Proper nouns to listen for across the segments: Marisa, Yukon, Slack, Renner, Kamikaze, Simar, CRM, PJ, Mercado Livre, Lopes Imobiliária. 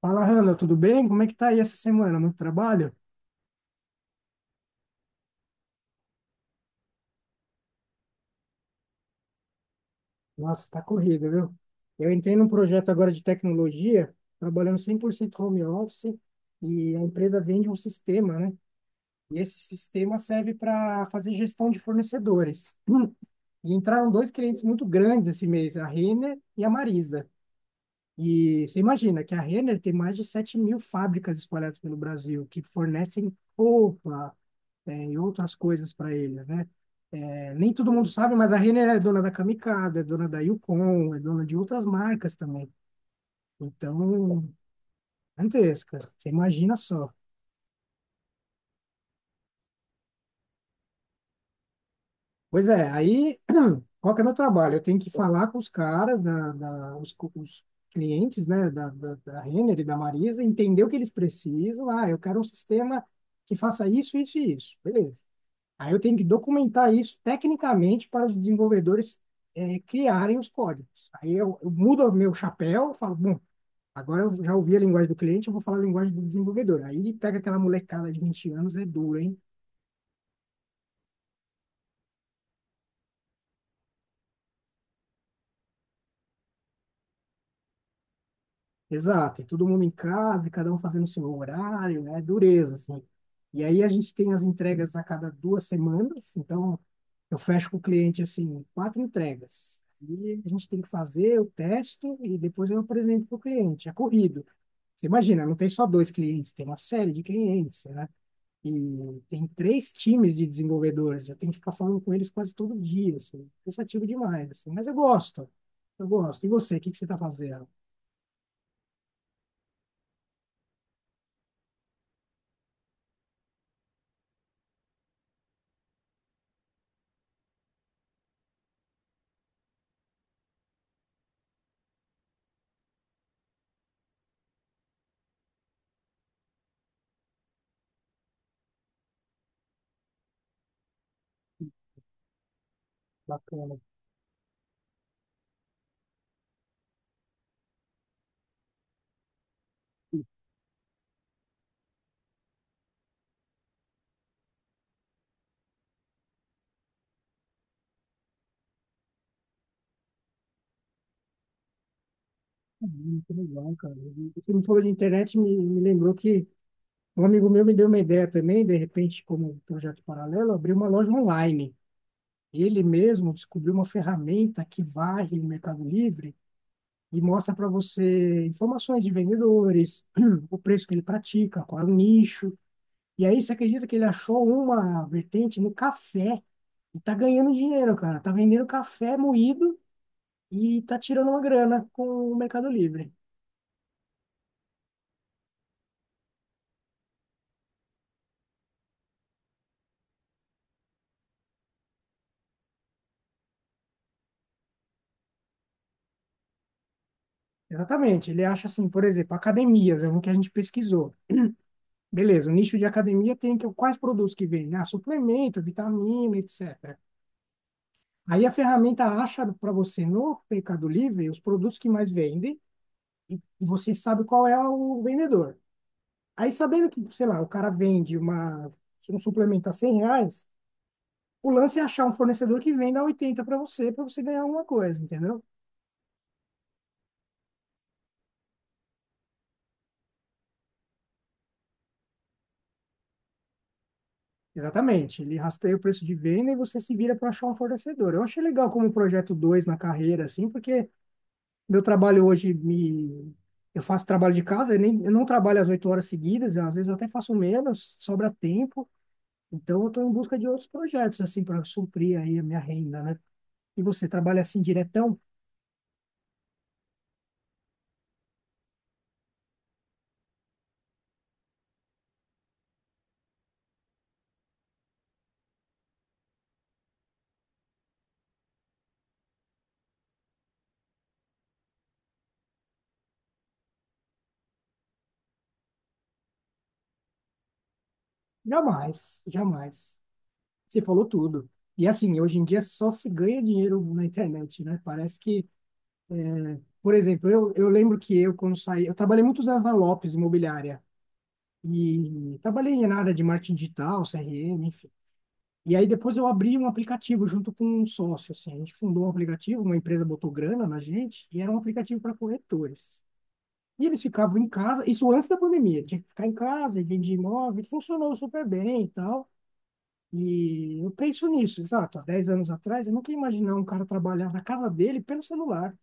Fala, Hanna, tudo bem? Como é que tá aí essa semana? Muito trabalho? Nossa, tá corrido, viu? Eu entrei num projeto agora de tecnologia, trabalhando 100% home office, e a empresa vende um sistema, né? E esse sistema serve para fazer gestão de fornecedores. Hum. E entraram dois clientes muito grandes esse mês, a Renner e a Marisa. E você imagina que a Renner tem mais de 7 mil fábricas espalhadas pelo Brasil, que fornecem roupa, é, e outras coisas para eles, né? É, nem todo mundo sabe, mas a Renner é dona da Kamikaze, é dona da Yukon, é dona de outras marcas também. Então, gigantesca. Você imagina só. Pois é, aí qual que é o meu trabalho? Eu tenho que falar com os caras, os clientes, né, da Renner e da Marisa, entender o que eles precisam. Ah, eu quero um sistema que faça isso, isso e isso. Beleza. Aí eu tenho que documentar isso tecnicamente para os desenvolvedores criarem os códigos. Aí eu mudo o meu chapéu, falo, bom, agora eu já ouvi a linguagem do cliente, eu vou falar a linguagem do desenvolvedor. Aí pega aquela molecada de 20 anos, é duro, hein? Exato, e todo mundo em casa, e cada um fazendo o seu horário, né? Dureza, assim. E aí a gente tem as entregas a cada 2 semanas, então eu fecho com o cliente, assim, quatro entregas. E a gente tem que fazer, eu testo e depois eu apresento para o cliente. É corrido. Você imagina, não tem só dois clientes, tem uma série de clientes, né? E tem três times de desenvolvedores, eu tenho que ficar falando com eles quase todo dia, assim, cansativo demais, assim, mas eu gosto, eu gosto. E você, o que que você está fazendo? Bacana. Muito legal, cara. E você me falou de internet, me lembrou que um amigo meu me deu uma ideia também, de repente, como um projeto paralelo, abriu uma loja online. Ele mesmo descobriu uma ferramenta que varre o Mercado Livre e mostra para você informações de vendedores, o preço que ele pratica, qual é o nicho. E aí você acredita que ele achou uma vertente no café e tá ganhando dinheiro, cara. Tá vendendo café moído e tá tirando uma grana com o Mercado Livre. Exatamente. Ele acha assim, por exemplo, academias, é um que a gente pesquisou. Beleza, o nicho de academia tem que, quais produtos que vendem? Ah, suplemento, vitamina, etc. Aí a ferramenta acha para você no Mercado Livre os produtos que mais vendem e e você sabe qual é o vendedor. Aí, sabendo que, sei lá, o cara vende uma, um suplemento a 100 reais, o lance é achar um fornecedor que venda a 80 para você ganhar alguma coisa, entendeu? Exatamente. Ele rasteia o preço de venda e você se vira para achar um fornecedor. Eu achei legal como projeto 2 na carreira, assim, porque meu trabalho hoje me. Eu faço trabalho de casa, eu, nem, eu não trabalho às 8 horas seguidas, às vezes eu até faço menos, sobra tempo. Então, eu estou em busca de outros projetos, assim, para suprir aí a minha renda, né? E você trabalha assim diretão? Jamais, jamais. Você falou tudo. E assim, hoje em dia só se ganha dinheiro na internet, né? Parece que, por exemplo, eu lembro que eu, quando saí, eu trabalhei muitos anos na Lopes Imobiliária e trabalhei na área de marketing digital, CRM, enfim. E aí depois eu abri um aplicativo junto com um sócio, assim. A gente fundou um aplicativo, uma empresa botou grana na gente e era um aplicativo para corretores. E eles ficavam em casa, isso antes da pandemia, tinha que ficar em casa e vender imóvel, e funcionou super bem e tal. E eu penso nisso, exato. Há 10 anos atrás, eu nunca ia imaginar um cara trabalhar na casa dele pelo celular.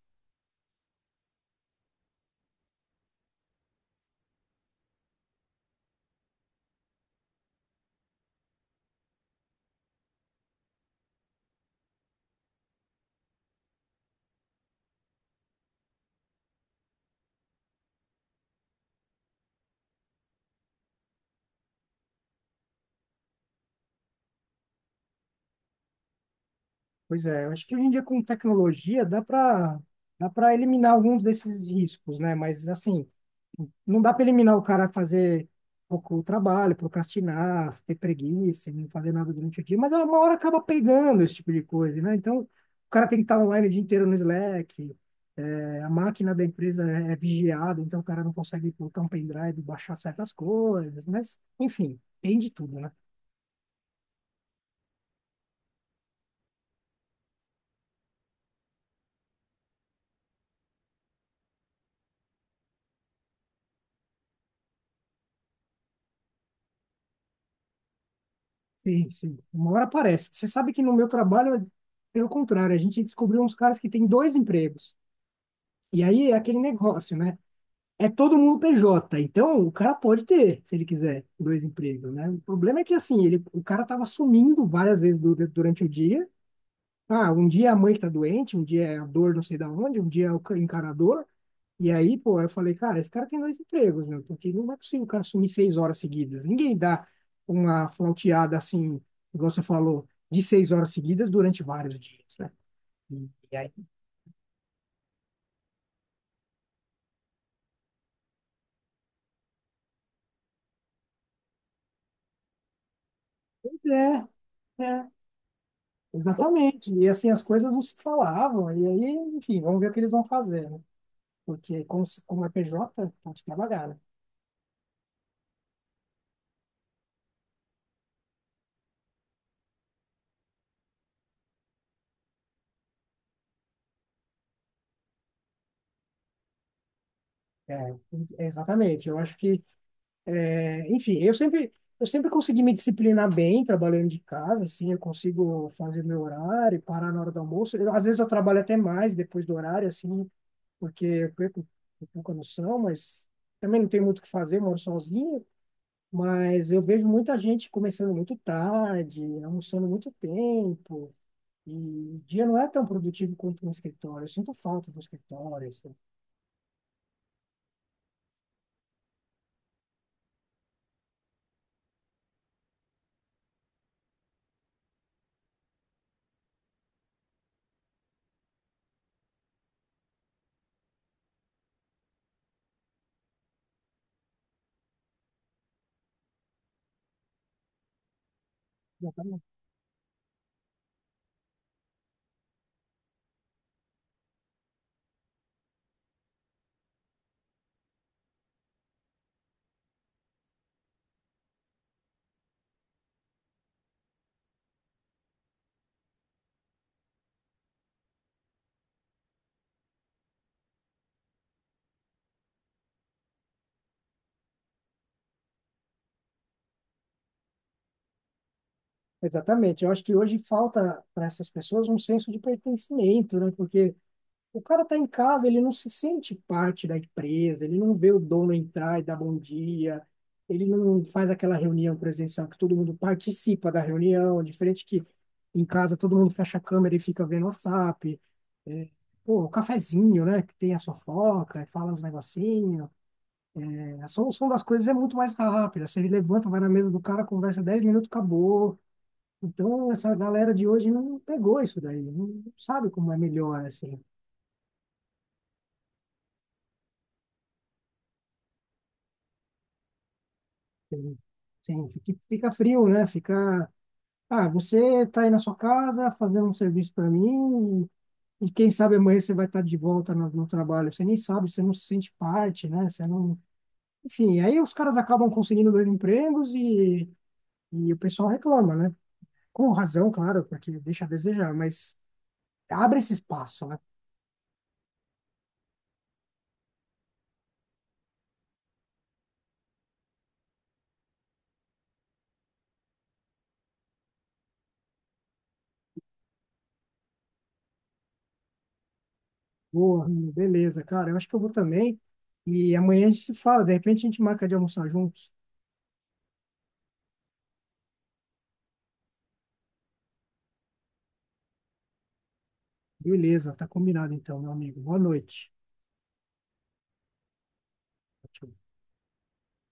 Pois é, eu acho que hoje em dia com tecnologia dá para eliminar alguns desses riscos, né? Mas assim, não dá para eliminar o cara a fazer pouco trabalho, procrastinar, ter preguiça, e não fazer nada durante o dia, mas é uma hora acaba pegando esse tipo de coisa, né? Então, o cara tem que estar online o dia inteiro no Slack, é, a máquina da empresa é vigiada, então o cara não consegue botar um pendrive e baixar certas coisas, mas, enfim, tem de tudo, né? Sim, sim. Uma hora aparece. Você sabe que no meu trabalho, é pelo contrário, a gente descobriu uns caras que têm dois empregos. E aí é aquele negócio, né? É todo mundo PJ, então o cara pode ter, se ele quiser, dois empregos, né? O problema é que, assim, ele, o cara tava sumindo várias vezes durante o dia. Ah, um dia é a mãe que tá doente, um dia é a dor não sei da onde, um dia é o encanador. E aí, pô, eu falei, cara, esse cara tem dois empregos, meu, porque não é possível o cara sumir 6 horas seguidas. Ninguém dá uma flauteada assim, igual você falou, de 6 horas seguidas durante vários dias, né? E aí, pois é, é. Exatamente. E assim, as coisas não se falavam. E aí, enfim, vamos ver o que eles vão fazer, né? Porque como, como é PJ, pode trabalhar, né? É, é, exatamente. Eu acho que, é, enfim, eu sempre consegui me disciplinar bem trabalhando de casa, assim, eu consigo fazer meu horário, parar na hora do almoço. Eu, às vezes eu trabalho até mais depois do horário, assim, porque eu perco um pouco a noção, mas também não tenho muito o que fazer, moro sozinho. Mas eu vejo muita gente começando muito tarde, almoçando muito tempo. E o dia não é tão produtivo quanto no escritório. Eu sinto falta do escritório, assim. Exatamente. Exatamente. Eu acho que hoje falta para essas pessoas um senso de pertencimento, né? Porque o cara está em casa, ele não se sente parte da empresa, ele não vê o dono entrar e dar bom dia, ele não faz aquela reunião presencial que todo mundo participa da reunião, diferente que em casa todo mundo fecha a câmera e fica vendo WhatsApp. É, pô, o cafezinho, né? Que tem a fofoca, e fala uns negocinhos. A solução das coisas é muito mais rápida. Você levanta, vai na mesa do cara, conversa 10 minutos, acabou. Então, essa galera de hoje não pegou isso daí, não sabe como é melhor, assim. Sim, fica, fica frio, né? Fica. Ah, você tá aí na sua casa fazendo um serviço para mim, e quem sabe amanhã você vai estar de volta no trabalho. Você nem sabe, você não se sente parte, né? Você não. Enfim, aí os caras acabam conseguindo dois empregos e o pessoal reclama, né? Com razão, claro, porque deixa a desejar, mas abre esse espaço, né? Boa, Rami, beleza, cara. Eu acho que eu vou também. E amanhã a gente se fala. De repente a gente marca de almoçar juntos. Beleza, tá combinado então, meu amigo. Boa noite. Tchau.